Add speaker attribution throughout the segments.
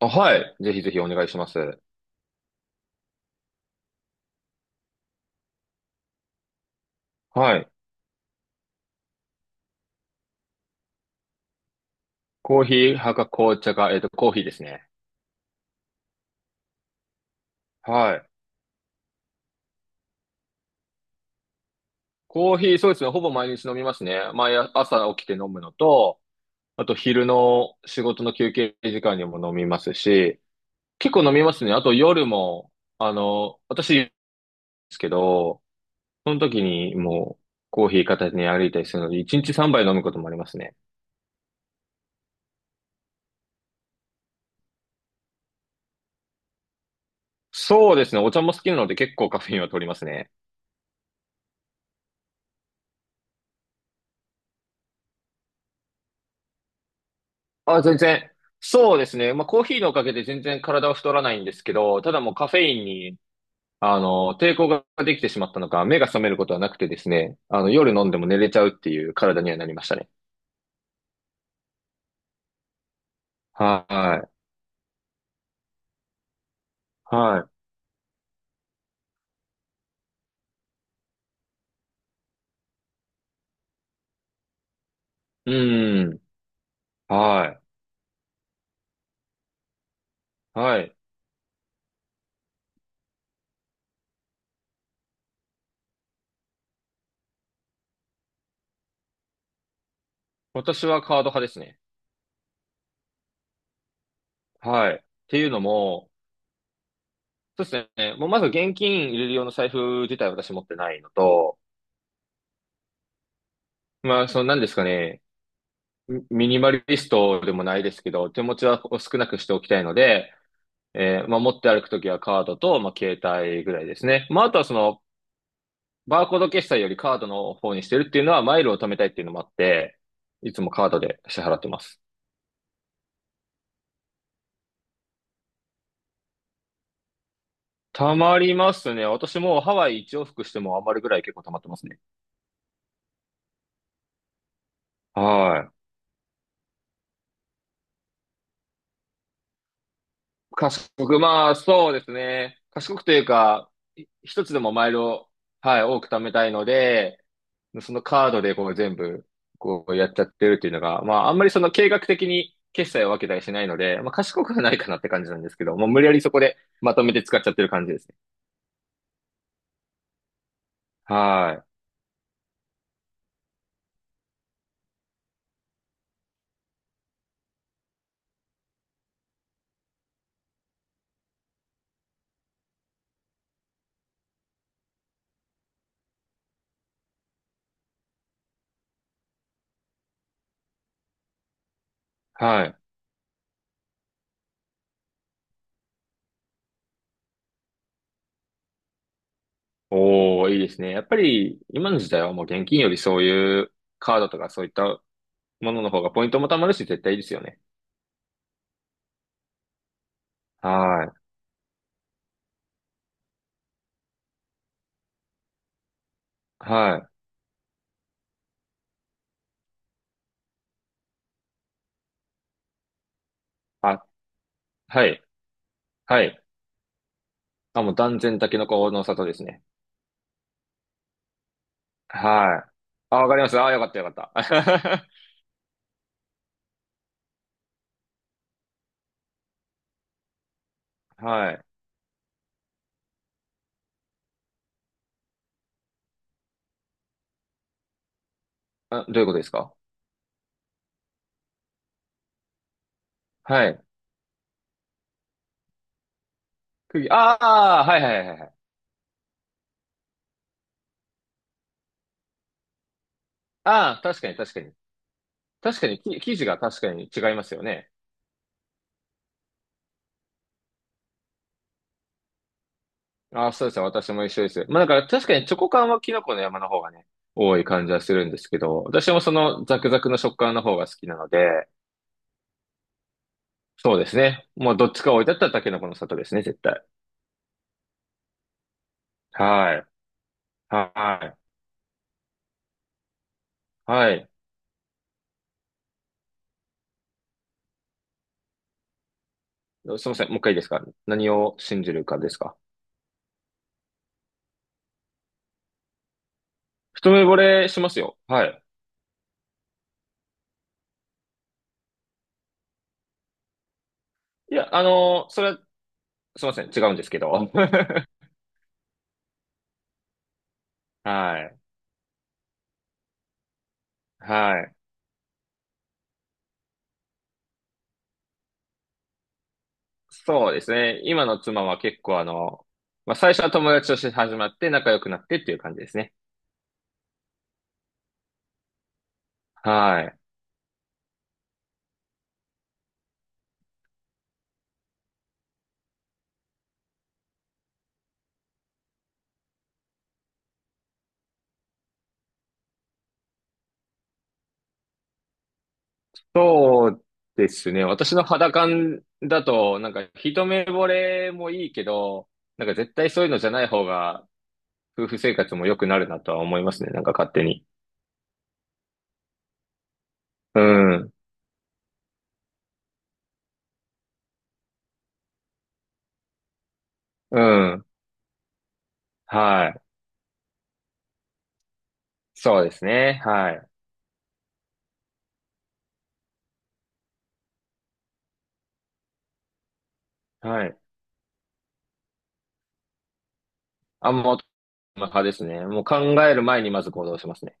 Speaker 1: あ、はい。ぜひぜひお願いします。はい。コーヒー派か紅茶か、コーヒーですね。はい。コーヒー、そうですね。ほぼ毎日飲みますね。毎朝起きて飲むのと、あと昼の仕事の休憩時間にも飲みますし、結構飲みますね。あと夜も、私ですけど、その時にもうコーヒー片手に歩いたりするので、1日3杯飲むこともありますね。そうですね。お茶も好きなので結構カフェインは取りますね。あ、全然。そうですね。まあ、コーヒーのおかげで全然体は太らないんですけど、ただもうカフェインに、抵抗ができてしまったのか、目が覚めることはなくてですね、夜飲んでも寝れちゃうっていう体にはなりましたね。はい。はい。うん。はい。はい。私はカード派ですね。はい。っていうのも、そうですね。もうまず現金入れる用の財布自体私持ってないのと、まあ、その何ですかね、ミニマリストでもないですけど、手持ちは少なくしておきたいので、持って歩くときはカードと、まあ、携帯ぐらいですね。まあ、あとはその、バーコード決済よりカードの方にしてるっていうのは、マイルを貯めたいっていうのもあって、いつもカードで支払ってます。貯まりますね。私もうハワイ一往復しても余るぐらい結構貯まってますね。はい。賢く、まあ、そうですね。賢くというか、一つでもマイルを、はい、多く貯めたいので、そのカードでこう全部、こうやっちゃってるっていうのが、まあ、あんまりその計画的に決済を分けたりしないので、まあ、賢くはないかなって感じなんですけど、もう無理やりそこでまとめて使っちゃってる感じですね。はい。はい。おー、いいですね。やっぱり、今の時代はもう現金よりそういうカードとかそういったものの方がポイントも貯まるし、絶対いいですよね。はい。はい。あ、はい。はい。あ、もう断然タケノコの里ですね。はい。あ、わかります。あ、よかったよかった。はい。あ、どういうことですか？はい。釘、ああ、はいはいはいはい。ああ、確かに確かに。確かに、生地が確かに違いますよね。ああ、そうですね。私も一緒です。まあだから確かにチョコ感はキノコの山の方がね、多い感じはするんですけど、私もそのザクザクの食感の方が好きなので、そうですね。もうどっちか置いてあったらタケノコの里ですね、絶対。はい。はい。はい。すみません。もう一回いいですか？何を信じるかですか？一目惚れしますよ。はい。いや、それは、すみません。違うんですけど。はい。はい。そうですね。今の妻は結構あの、まあ、最初は友達として始まって仲良くなってっていう感じですね。はい。そうですね。私の肌感だと、なんか一目惚れもいいけど、なんか絶対そういうのじゃない方が夫婦生活も良くなるなとは思いますね。なんか勝手に。うん。うん。はい。そうですね。はい。はい。あ、もう派ですね。もう考える前にまず行動しますね。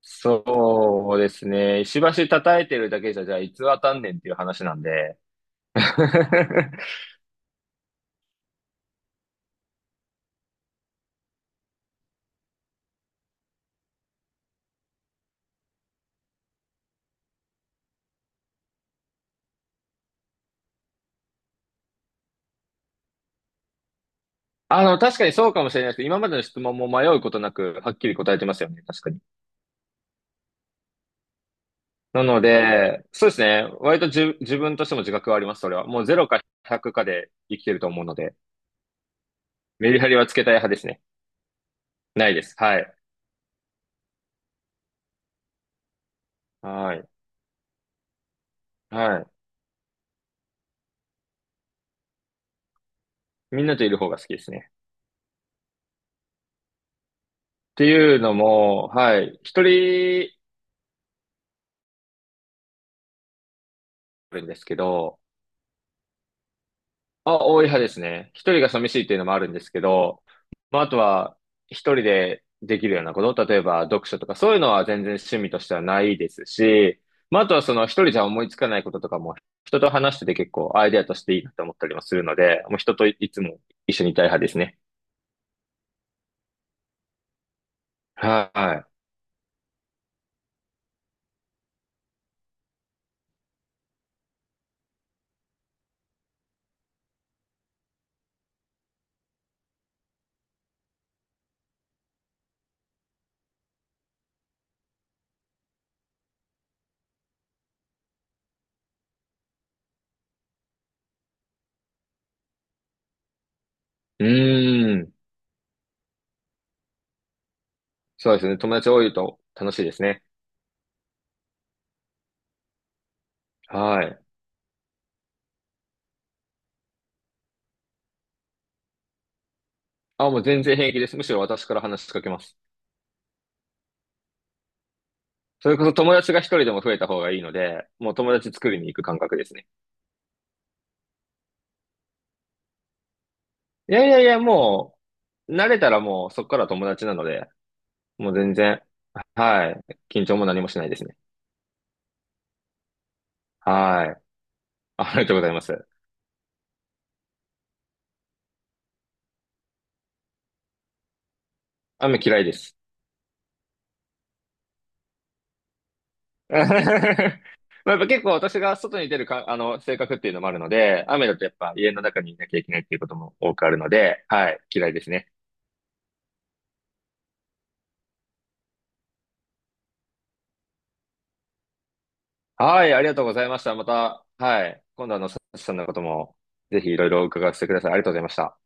Speaker 1: そうですね。石橋叩いてるだけじゃ、じゃあ、いつ当たんねんっていう話なんで。確かにそうかもしれないですけど、今までの質問も迷うことなく、はっきり答えてますよね。確かに。なので、そうですね。割と自分としても自覚はあります、それは。もうゼロか100かで生きてると思うので、メリハリはつけたい派ですね。ないです。はい。はい。はい。みんなといる方が好きですね。っていうのも、はい、一人あるんですけど、あ、多い派ですね。一人が寂しいっていうのもあるんですけど、まあ、あとは、一人でできるようなこと、例えば読書とか、そういうのは全然趣味としてはないですし、まあ、あとはその一人じゃ思いつかないこととかも、人と話してて結構アイデアとしていいなと思ったりもするので、もう人といつも一緒にいたい派ですね。はい。うーん。そうですね。友達多いと楽しいですね。はい。あ、もう全然平気です。むしろ私から話しかけます。それこそ友達が一人でも増えた方がいいので、もう友達作りに行く感覚ですね。いやいやいや、もう、慣れたらもうそこから友達なので、もう全然、はい。緊張も何もしないですね。はい。ありがとうございます。雨嫌いです。まあやっぱ結構私が外に出るか、性格っていうのもあるので、雨だとやっぱ家の中にいなきゃいけないっていうことも多くあるので、はい。嫌いですね。はい。ありがとうございました。また、はい。今度あの、サチさんのことも、ぜひいろいろ伺わせてください。ありがとうございました。